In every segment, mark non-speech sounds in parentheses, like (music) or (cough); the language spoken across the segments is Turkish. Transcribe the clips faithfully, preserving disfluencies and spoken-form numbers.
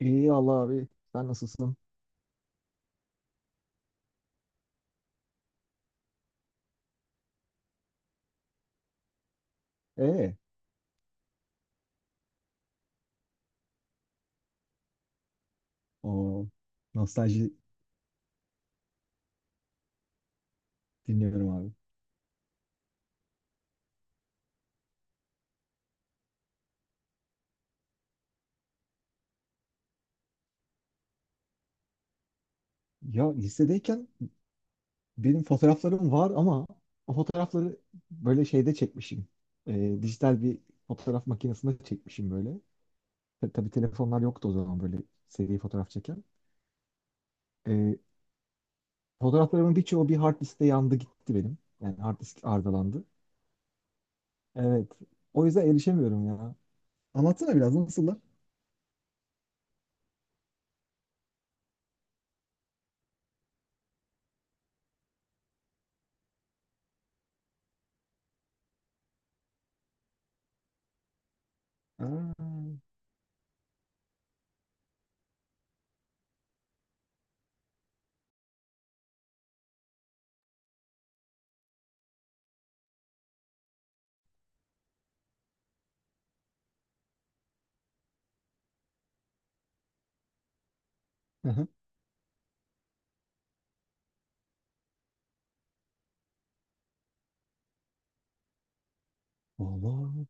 İyi Allah abi. Sen nasılsın? Ee, O nostalji dinliyorum abi. Ya lisedeyken benim fotoğraflarım var ama o fotoğrafları böyle şeyde çekmişim. Ee, dijital bir fotoğraf makinesinde çekmişim böyle. Tabi tabii telefonlar yoktu o zaman böyle seri fotoğraf çeken. Ee, Fotoğraflarımın birçoğu bir hard diskte yandı gitti benim. Yani hard disk arızalandı. Evet. O yüzden erişemiyorum ya. Anlatsana biraz nasıllar? Aa. Hı hı. Vallahi.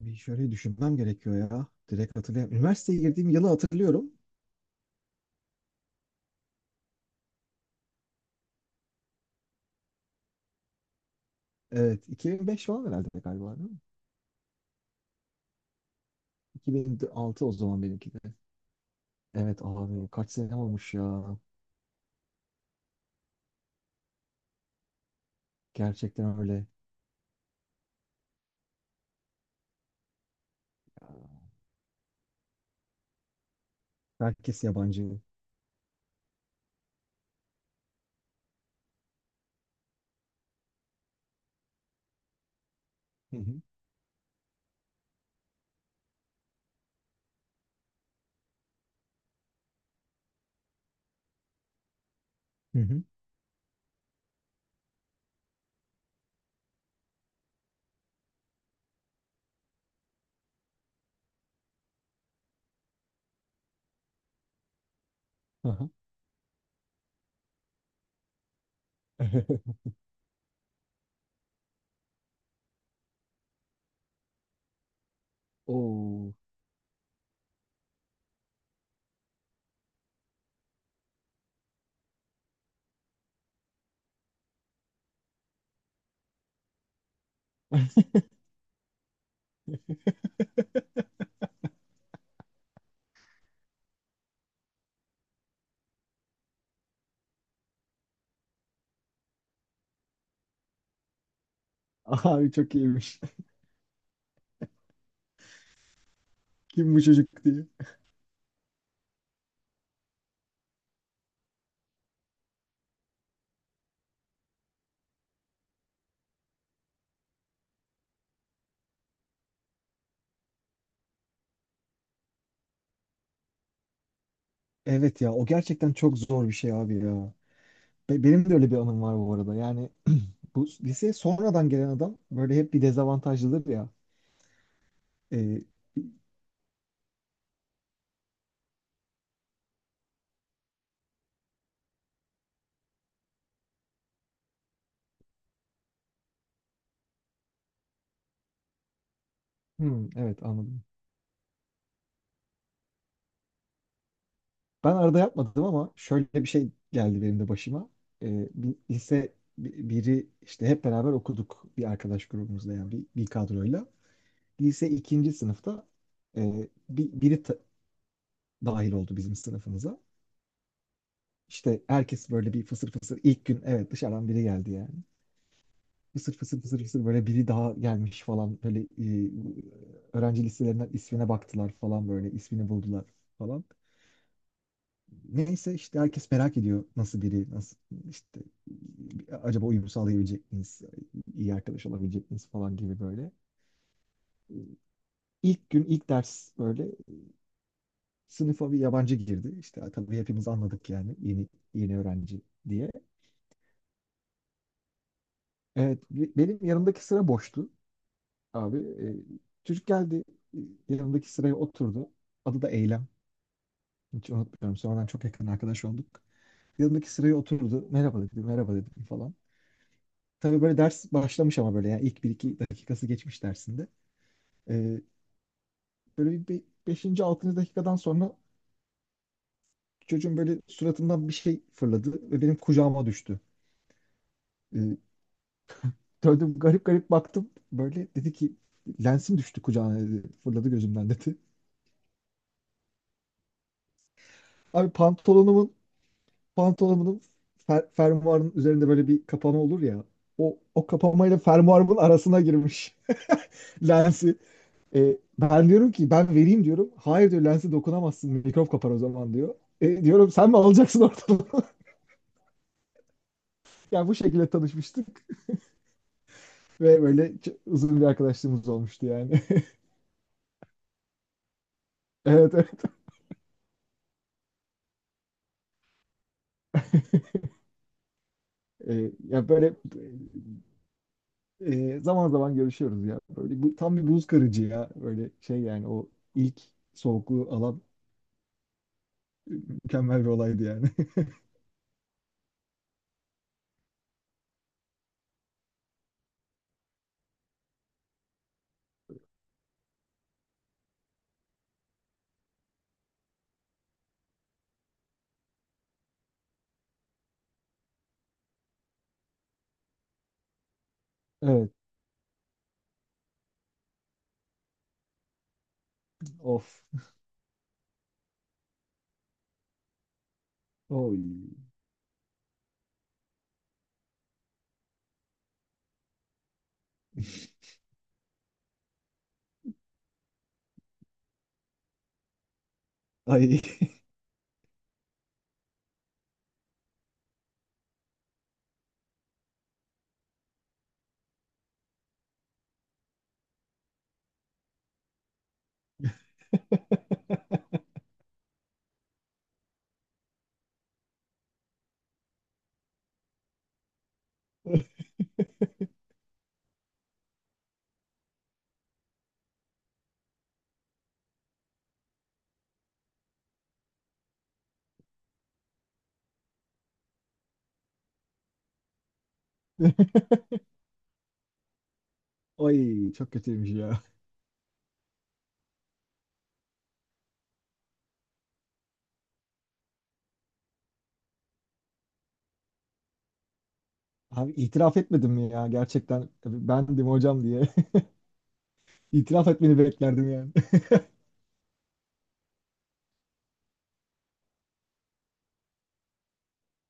Bir şöyle düşünmem gerekiyor ya. Direkt hatırlayamıyorum. Üniversiteye girdiğim yılı hatırlıyorum. Evet, iki bin beş falan herhalde galiba değil mi? iki bin altı o zaman benimki de. Evet abi kaç sene olmuş ya. Gerçekten öyle. Herkes yabancı. Hı hı. Hı hı. Aha. (laughs) Oo. (laughs) Abi çok iyiymiş. Kim bu çocuk diye. Evet ya o gerçekten çok zor bir şey abi ya. Be- benim de öyle bir anım var bu arada. Yani bu liseye sonradan gelen adam böyle hep bir dezavantajlıdır ya. Ee, Hmm, evet anladım. Ben arada yapmadım ama şöyle bir şey geldi benim de başıma. Ee, bir lise bi- biri işte hep beraber okuduk bir arkadaş grubumuzla yani bir, bir kadroyla. Lise ikinci sınıfta e, bir, biri ta- dahil oldu bizim sınıfımıza. İşte herkes böyle bir fısır fısır ilk gün evet dışarıdan biri geldi yani. Fısır fısır fısır fısır böyle biri daha gelmiş falan böyle e, öğrenci listelerinden ismine baktılar falan böyle ismini buldular falan. Neyse işte herkes merak ediyor nasıl biri, nasıl işte acaba uyum sağlayabilecek miyiz, iyi arkadaş olabilecek miyiz falan gibi böyle. İlk gün ilk ders böyle sınıfa bir yabancı girdi. İşte tabii hepimiz anladık yani yeni yeni öğrenci diye. Evet be- benim yanımdaki sıra boştu abi. Ee, Çocuk geldi, e, yanımdaki sıraya oturdu. Adı da Eylem. Hiç unutmuyorum. Sonradan çok yakın arkadaş olduk. Yanımdaki sıraya oturdu. Merhaba dedi, merhaba dedim falan. Tabii böyle ders başlamış ama böyle yani ilk bir iki dakikası geçmiş dersinde. Ee, Böyle bir beşinci. altıncı dakikadan sonra çocuğun böyle suratından bir şey fırladı ve benim kucağıma düştü. Ee, Şöyle garip garip baktım böyle, dedi ki lensim düştü kucağına dedi. Fırladı gözümden dedi. Abi pantolonumun pantolonumun fer- fermuarının üzerinde böyle bir kapama olur ya. O, o kapamayla fermuarımın arasına girmiş (laughs) lensi. E, ben diyorum ki ben vereyim diyorum. Hayır diyor, lense dokunamazsın mikrop kapar o zaman diyor. E, diyorum sen mi alacaksın ortalığı? (laughs) Yani bu şekilde tanışmıştık ve böyle uzun bir arkadaşlığımız olmuştu yani. (laughs) Evet. Evet. (laughs) E, ya böyle, e, zaman zaman görüşüyoruz ya. Böyle bu tam bir buz kırıcı ya. Böyle şey yani o ilk soğukluğu alan mükemmel bir olaydı yani. (laughs) Evet. Of. Oy. (laughs) Ay. (laughs) Ay çok kötüymüş ya. Abi itiraf etmedim mi ya, gerçekten bendim hocam diye. (laughs) İtiraf etmeni beklerdim yani.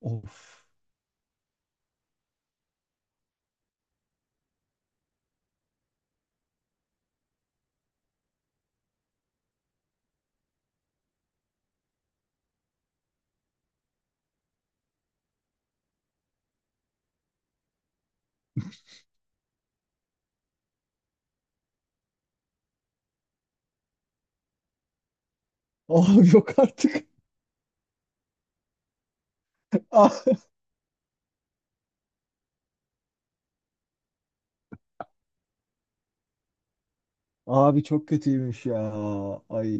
(laughs) Of. Abi yok artık. (laughs) Ah. Abi çok kötüymüş ya. Ay.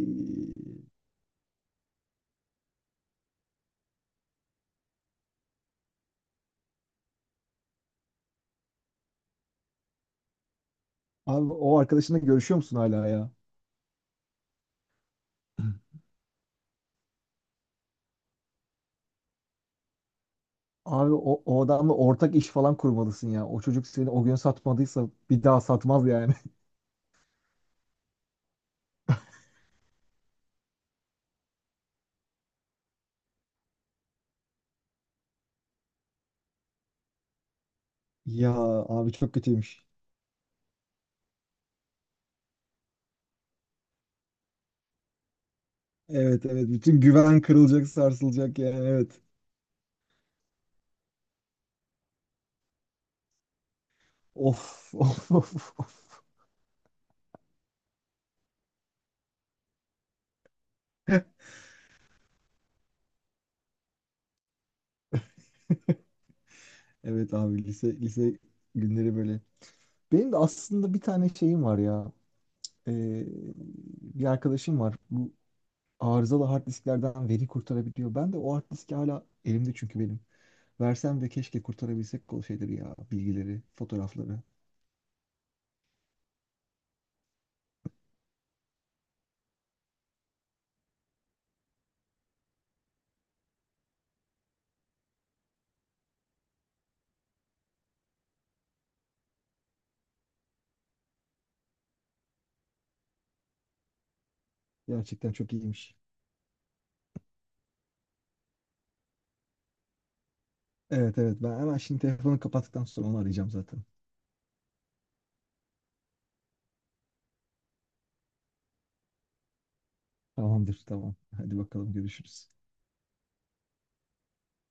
Abi o arkadaşınla görüşüyor musun hala ya? Abi o, o adamla ortak iş falan kurmalısın ya. O çocuk seni o gün satmadıysa bir daha satmaz yani. (laughs) Ya abi çok kötüymüş. Evet, evet, bütün güven kırılacak, sarsılacak yani, evet. Of (laughs) of of of. Evet abi, lise lise günleri böyle. Benim de aslında bir tane şeyim var ya. Ee, Bir arkadaşım var. Bu arızalı hard disklerden veri kurtarabiliyor. Ben de o hard diski hala elimde çünkü benim. Versem de keşke kurtarabilsek o şeyleri ya. Bilgileri, fotoğrafları. Gerçekten çok iyiymiş. Evet, evet, ben hemen şimdi telefonu kapattıktan sonra onu arayacağım zaten. Tamamdır, tamam. Hadi bakalım, görüşürüz.